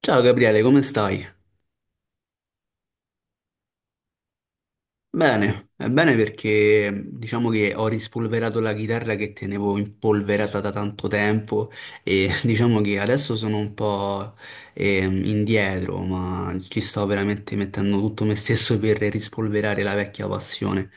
Ciao Gabriele, come stai? Bene, è bene perché diciamo che ho rispolverato la chitarra che tenevo impolverata da tanto tempo e diciamo che adesso sono un po' indietro, ma ci sto veramente mettendo tutto me stesso per rispolverare la vecchia passione.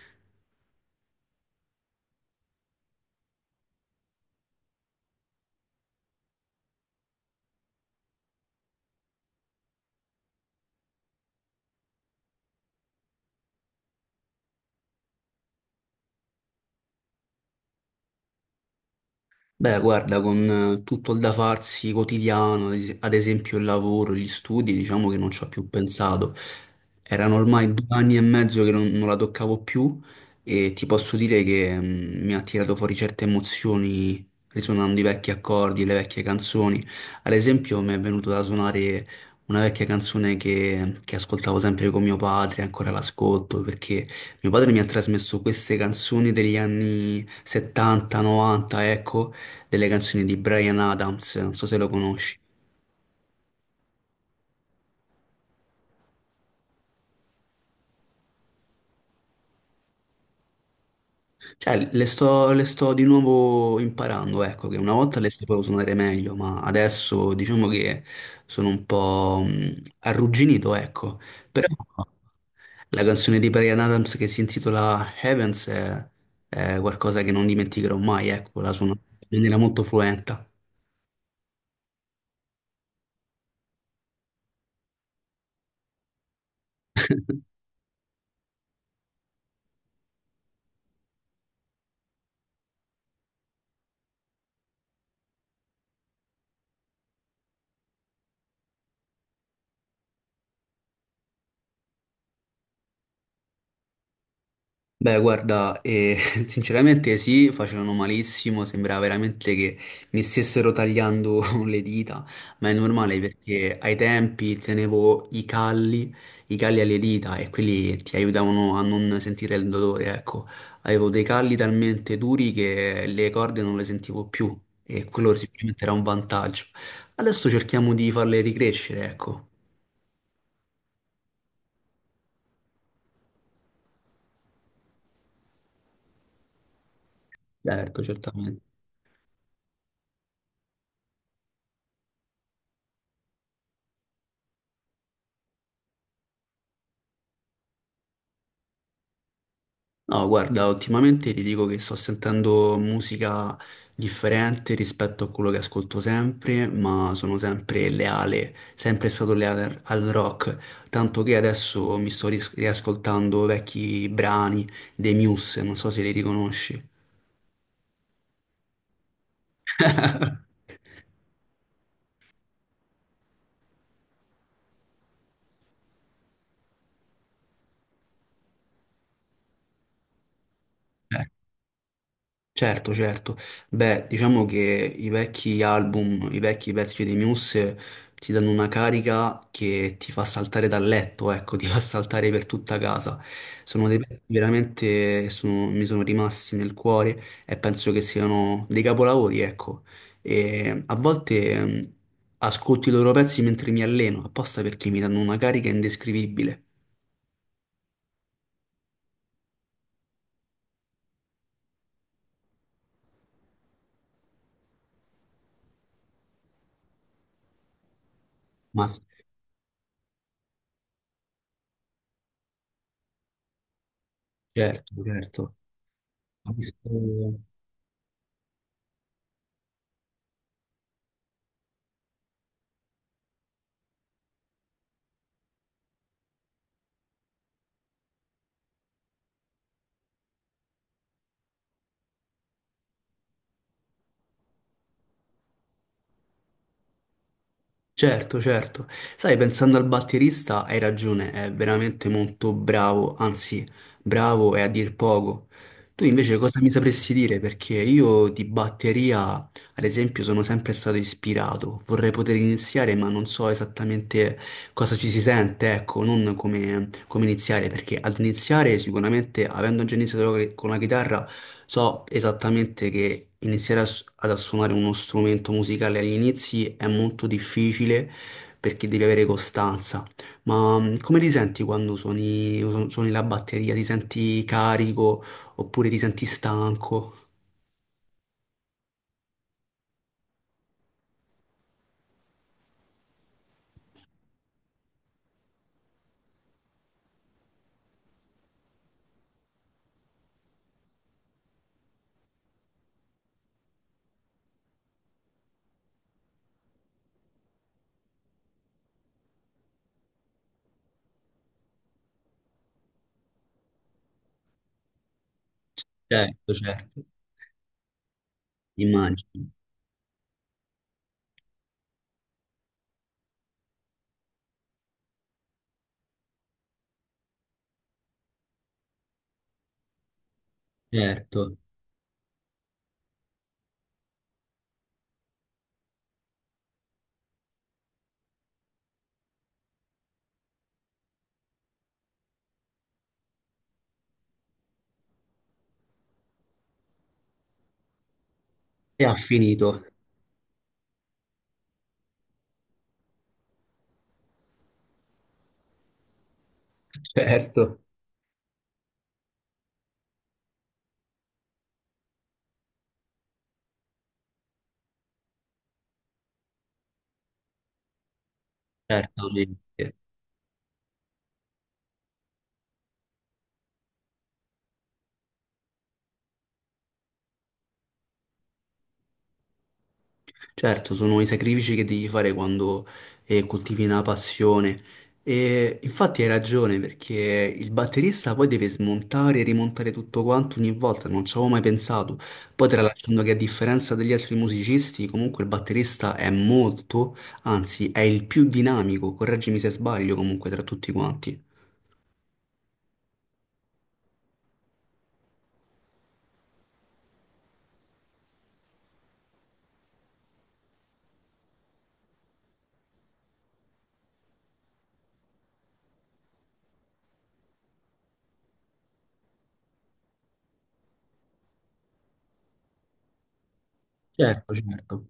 Beh, guarda, con tutto il da farsi quotidiano, ad esempio il lavoro, gli studi, diciamo che non ci ho più pensato. Erano ormai due anni e mezzo che non la toccavo più e ti posso dire che mi ha tirato fuori certe emozioni risuonando i vecchi accordi, le vecchie canzoni. Ad esempio mi è venuto da suonare una vecchia canzone che ascoltavo sempre con mio padre, ancora l'ascolto, perché mio padre mi ha trasmesso queste canzoni degli anni 70, 90, ecco, delle canzoni di Bryan Adams, non so se lo conosci. Cioè, le sto di nuovo imparando, ecco, che una volta le sapevo suonare meglio, ma adesso diciamo che sono un po' arrugginito, ecco. Però la canzone di Bryan Adams che si intitola Heavens è qualcosa che non dimenticherò mai, ecco, la suono in maniera molto fluenta. Beh, guarda, sinceramente sì, facevano malissimo, sembrava veramente che mi stessero tagliando le dita, ma è normale perché ai tempi tenevo i calli alle dita e quelli ti aiutavano a non sentire il dolore, ecco. Avevo dei calli talmente duri che le corde non le sentivo più e quello sicuramente era un vantaggio. Adesso cerchiamo di farle ricrescere, ecco. Certo, certamente. No, guarda, ultimamente ti dico che sto sentendo musica differente rispetto a quello che ascolto sempre, ma sono sempre leale, sempre stato leale al rock, tanto che adesso mi sto riascoltando vecchi brani dei Muse, non so se li riconosci. Certo, certo. Beh, diciamo che i vecchi album, i vecchi pezzi di Muse ti danno una carica che ti fa saltare dal letto, ecco, ti fa saltare per tutta casa. Sono dei pezzi che veramente mi sono rimasti nel cuore e penso che siano dei capolavori, ecco. E a volte ascolto i loro pezzi mentre mi alleno, apposta perché mi danno una carica indescrivibile. Ma sì, certo, certo. Certo, certo. Sai, pensando al batterista, hai ragione, è veramente molto bravo, anzi, bravo è a dir poco. Tu invece cosa mi sapresti dire? Perché io di batteria, ad esempio, sono sempre stato ispirato. Vorrei poter iniziare, ma non so esattamente cosa ci si sente, ecco, non come, come iniziare, perché ad iniziare sicuramente, avendo già iniziato con la chitarra, so esattamente che iniziare ad suonare uno strumento musicale agli inizi è molto difficile perché devi avere costanza, ma come ti senti quando suoni la batteria? Ti senti carico oppure ti senti stanco? Certo, certo, immagino, certo. E ha finito, certo, certamente. Certo, sono i sacrifici che devi fare quando coltivi una passione. E infatti hai ragione perché il batterista poi deve smontare e rimontare tutto quanto ogni volta, non ci avevo mai pensato. Poi tralasciando che a differenza degli altri musicisti, comunque il batterista è molto, anzi è il più dinamico, correggimi se sbaglio comunque tra tutti quanti. Certo, certo.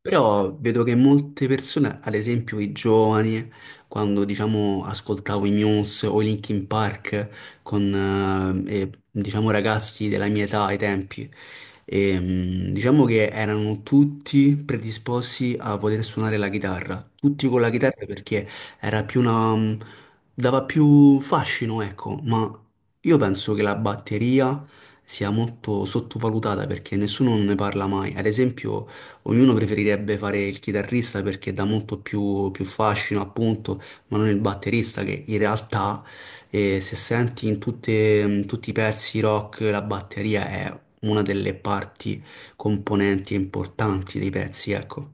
Però vedo che molte persone, ad esempio i giovani, quando diciamo ascoltavo i Muse o i Linkin Park con diciamo ragazzi della mia età ai tempi, diciamo che erano tutti predisposti a poter suonare la chitarra, tutti con la chitarra perché era più una, dava più fascino, ecco, ma io penso che la batteria sia molto sottovalutata perché nessuno ne parla mai. Ad esempio ognuno preferirebbe fare il chitarrista perché dà molto più fascino, appunto, ma non il batterista che in realtà, se senti in tutti i pezzi rock, la batteria è una delle parti componenti importanti dei pezzi, ecco.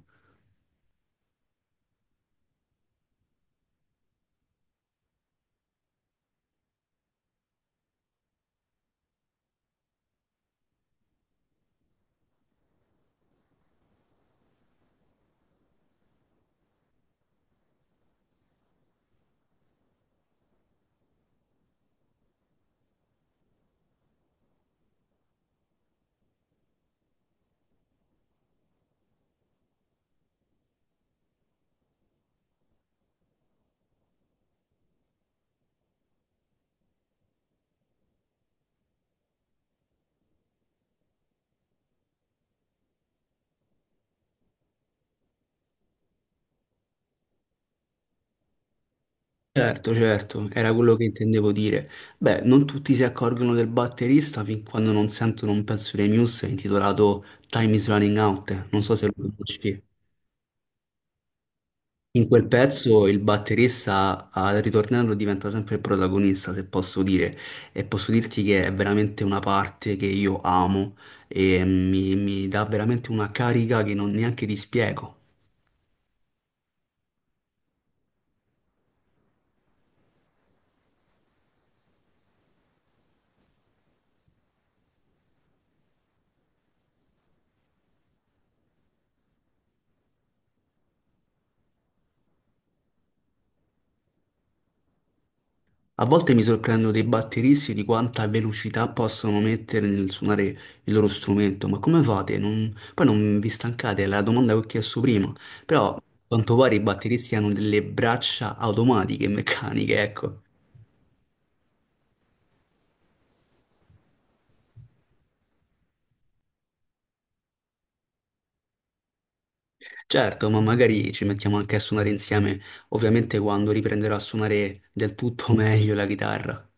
Certo, certo, era quello che intendevo dire. Beh, non tutti si accorgono del batterista fin quando non sentono un pezzo dei Muse intitolato Time is Running Out, non so se lo conosci. In quel pezzo il batterista al ritornello diventa sempre il protagonista, se posso dire, e posso dirti che è veramente una parte che io amo e mi dà veramente una carica che non neanche ti spiego. A volte mi sorprendo dei batteristi di quanta velocità possono mettere nel suonare il loro strumento, ma come fate? Non- Poi non vi stancate, è la domanda che ho chiesto prima, però a quanto pare i batteristi hanno delle braccia automatiche, meccaniche, ecco. Certo, ma magari ci mettiamo anche a suonare insieme, ovviamente quando riprenderò a suonare del tutto meglio la chitarra.